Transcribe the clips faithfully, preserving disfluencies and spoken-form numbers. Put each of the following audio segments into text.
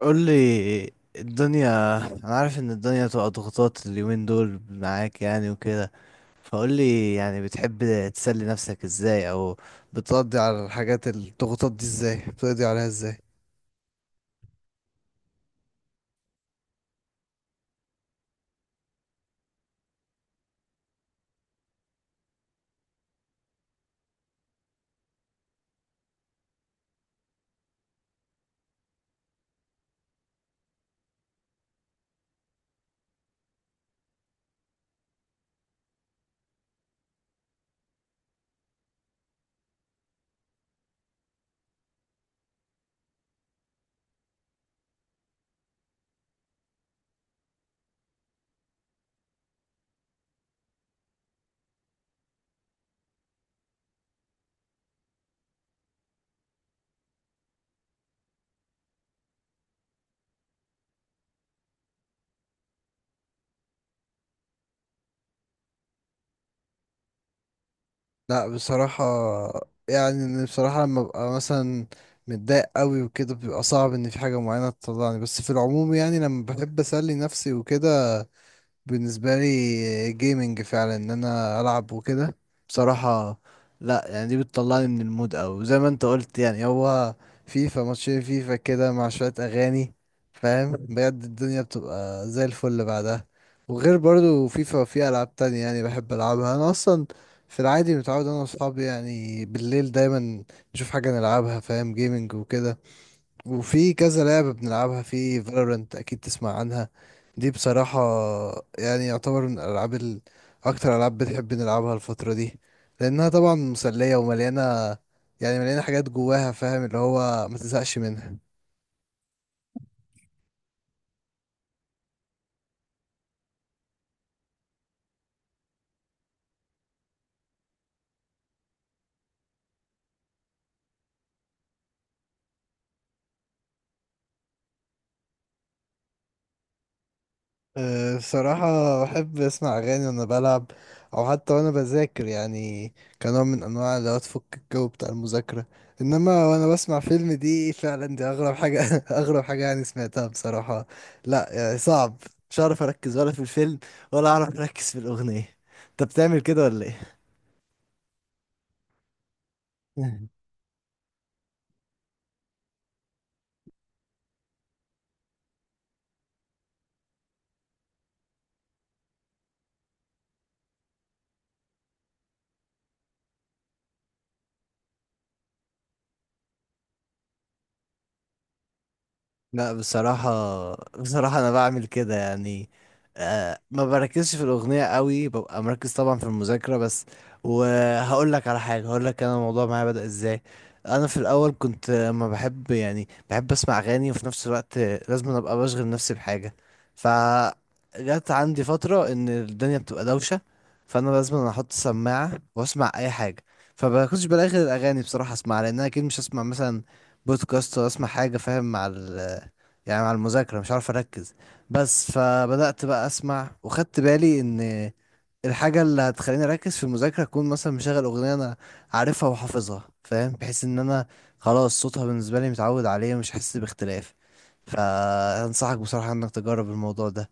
قول لي الدنيا. انا عارف ان الدنيا تبقى ضغوطات اليومين دول معاك يعني وكده. فقول لي يعني بتحب تسلي نفسك ازاي، او بتقضي على الحاجات الضغوطات دي ازاي، بتقضي عليها ازاي؟ لا بصراحة، يعني إن بصراحة لما ببقى مثلا متضايق قوي وكده بيبقى صعب ان في حاجة معينة تطلعني، بس في العموم يعني لما بحب اسلي نفسي وكده، بالنسبة لي جيمنج فعلا، ان انا العب وكده بصراحة. لا يعني دي بتطلعني من المود، او زي ما انت قلت يعني هو فيفا ماتشين فيفا كده مع شوية اغاني، فاهم، بجد الدنيا بتبقى زي الفل بعدها. وغير برضو فيفا في العاب تانية يعني بحب العبها انا اصلا، في العادي متعود انا واصحابي يعني بالليل دايما نشوف حاجة نلعبها، فاهم، جيمنج وكده. وفي كذا لعبة بنلعبها، في فالورنت أكيد تسمع عنها، دي بصراحة يعني يعتبر من الألعاب ال... أكتر ألعاب بنحب نلعبها الفترة دي، لأنها طبعا مسلية ومليانة، يعني مليانة حاجات جواها، فاهم، اللي هو ما تزهقش منها. أه، بصراحة بحب أسمع أغاني وأنا بلعب، أو حتى وأنا بذاكر يعني، كنوع من أنواع اللي هو تفك الجو بتاع المذاكرة. إنما وأنا بسمع فيلم، دي فعلا دي أغرب حاجة أغرب حاجة يعني سمعتها بصراحة. لا يعني صعب، مش هعرف أركز ولا في الفيلم، ولا أعرف أركز في الأغنية. أنت بتعمل كده ولا إيه؟ لا بصراحة، بصراحة أنا بعمل كده يعني. آه ما بركزش في الأغنية قوي، ببقى مركز طبعا في المذاكرة بس. وهقول لك على حاجة، هقول لك أنا الموضوع معايا بدأ إزاي. أنا في الأول كنت آه، ما بحب، يعني بحب أسمع أغاني وفي نفس الوقت آه، لازم أنا أبقى بشغل نفسي بحاجة. فجت عندي فترة إن الدنيا بتبقى دوشة، فأنا لازم أنا أحط سماعة وأسمع أي حاجة. فبكنتش بلاقي غير الأغاني بصراحة أسمعها، لأن أنا أكيد مش هسمع مثلا بودكاست، ولا أسمع حاجة فاهم مع ال، يعني مع المذاكرة مش عارف أركز. بس فبدأت بقى أسمع وخدت بالي إن الحاجة اللي هتخليني أركز في المذاكرة أكون مثلا مشغل أغنية أنا عارفها وحافظها، فاهم، بحيث إن أنا خلاص صوتها بالنسبة لي متعود عليه ومش حاسس باختلاف. فأنصحك بصراحة إنك تجرب الموضوع ده.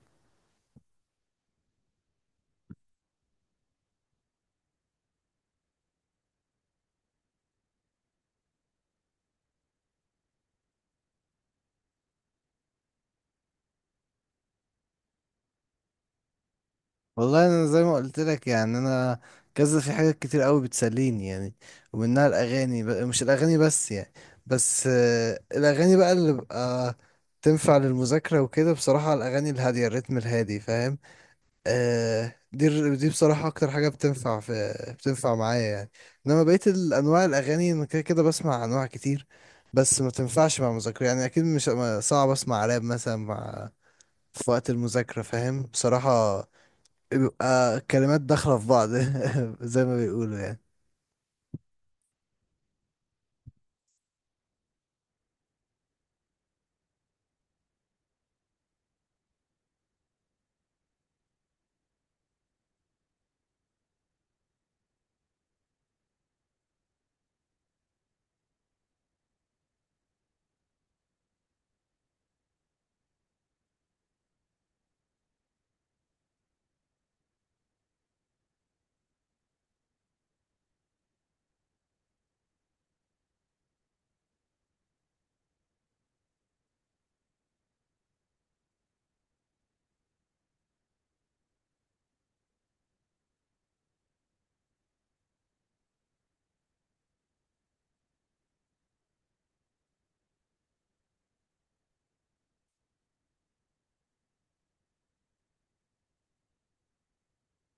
والله انا زي ما قلت لك يعني، انا كذا في حاجات كتير قوي بتسليني يعني، ومنها الاغاني، ب... مش الاغاني بس يعني، بس آه، الاغاني بقى اللي بقى تنفع للمذاكره وكده، بصراحه الاغاني الهاديه، الريتم الهادي فاهم. آه دي الر- دي بصراحه اكتر حاجه بتنفع في بتنفع معايا يعني. انما بقيت الانواع الاغاني انا كده كده بسمع انواع كتير، بس ما تنفعش مع مذاكره، يعني اكيد مش ما- صعب اسمع راب مثلا مع، في وقت المذاكره فاهم بصراحه، بيبقى كلمات داخلة في بعض زي ما بيقولوا يعني.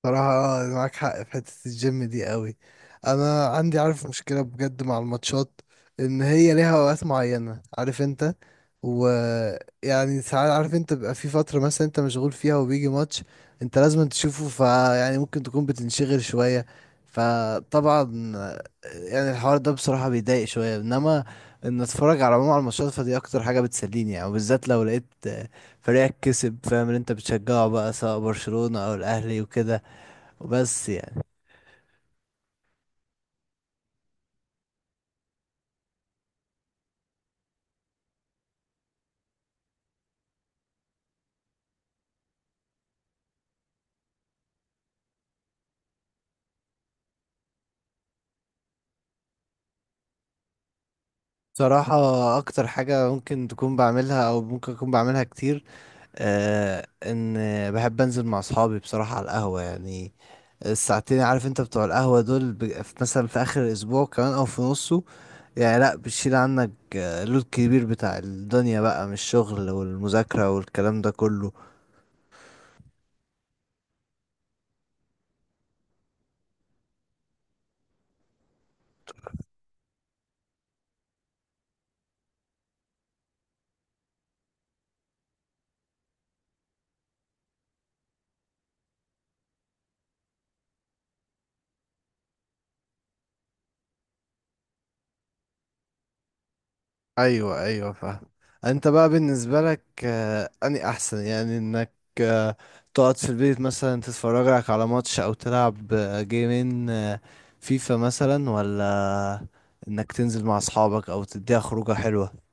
صراحة آه، معاك حق في حتة الجيم دي قوي. انا عندي عارف مشكلة بجد مع الماتشات، ان هي ليها اوقات معينة عارف انت، ويعني ساعات عارف انت بيبقى في فترة مثلا انت مشغول فيها وبيجي ماتش انت لازم تشوفه، فيعني ممكن تكون بتنشغل شوية. فطبعا آه، يعني الحوار ده بصراحة بيضايق شوية، انما ان اتفرج على العموم على الماتشات، فدي اكتر حاجة بتسليني يعني، وبالذات لو لقيت آه، فريقك كسب، فاهم، اللي انت بتشجعه بقى، سواء برشلونة او الاهلي وكده، وبس يعني. صراحة أكتر حاجة ممكن تكون بعملها، أو ممكن أكون بعملها كتير، آه إن بحب أنزل مع أصحابي بصراحة على القهوة يعني، الساعتين عارف أنت بتوع القهوة دول، ب- في- مثلا في آخر الأسبوع كمان أو في نصه، يعني لأ بتشيل عنك آه، اللود كبير بتاع الدنيا بقى، من الشغل والمذاكرة والكلام ده كله. ايوه، ايوه فاهم. انت بقى بالنسبه لك آه، اني احسن يعني، انك آه، تقعد في البيت مثلا تتفرج لك على ماتش، او تلعب آه، جيمين آه، فيفا مثلا، ولا انك تنزل مع اصحابك او تديها خروجه حلوه؟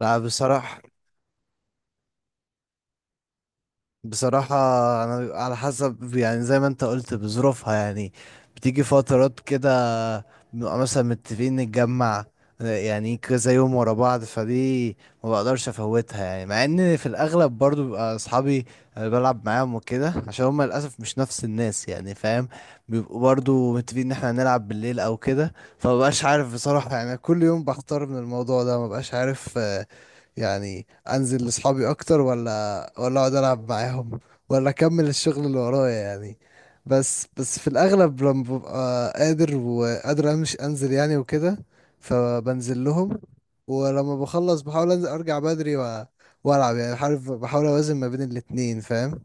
لا بصراحه، بصراحة أنا على حسب يعني زي ما أنت قلت بظروفها يعني. بتيجي فترات كده بنبقى مثلا متفقين نتجمع، يعني كذا يوم ورا بعض، فدي ما بقدرش أفوتها، يعني مع إن في الأغلب برضو بيبقى أصحابي اللي بلعب معاهم وكده عشان هما للأسف مش نفس الناس يعني فاهم، بيبقوا برضو متفقين إن إحنا هنلعب بالليل أو كده. فمبقاش عارف بصراحة، يعني كل يوم بحتار من الموضوع ده مبقاش عارف، يعني انزل لاصحابي اكتر ولا ولا اقعد العب معاهم، ولا اكمل الشغل اللي ورايا يعني. بس بس في الاغلب لما ببقى قادر وقادر امشي، انزل يعني وكده، فبنزل لهم. ولما بخلص بحاول انزل ارجع بدري و... والعب يعني، بحاول بحاول اوازن ما بين الاتنين فاهم.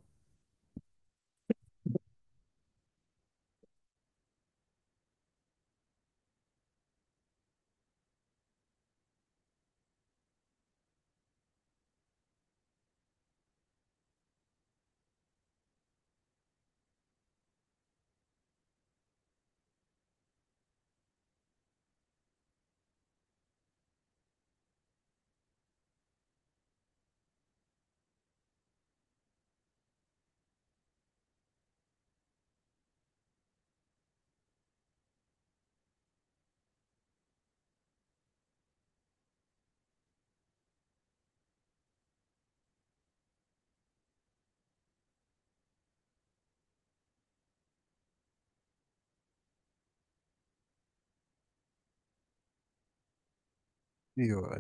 ايوه.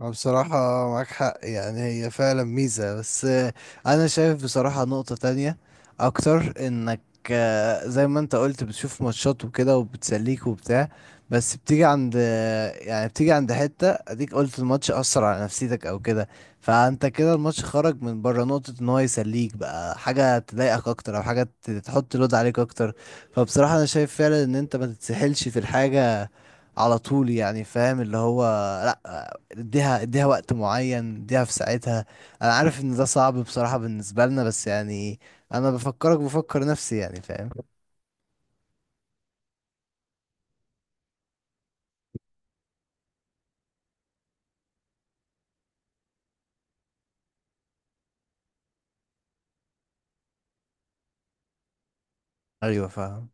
أه بصراحة معاك حق يعني، هي فعلا ميزة، بس آه، أنا شايف بصراحة نقطة تانية أكتر. إنك آه، زي ما أنت قلت بتشوف ماتشات وكده وبتسليك وبتاع، بس بتيجي عند آه، يعني بتيجي عند حتة أديك قلت الماتش أثر على نفسيتك أو كده. فأنت كده الماتش خرج من بره نقطة إن هو يسليك بقى، حاجة تضايقك أكتر، أو حاجة ت- تحط لود عليك أكتر. فبصراحة أنا شايف فعلا إن أنت ما تتسحلش في الحاجة على طول يعني، فاهم، اللي هو لأ، اديها اديها وقت معين، اديها في ساعتها. انا عارف ان ده صعب بصراحة بالنسبة لنا بس يعني، انا بفكرك بفكر نفسي يعني فاهم. ايوه فاهم.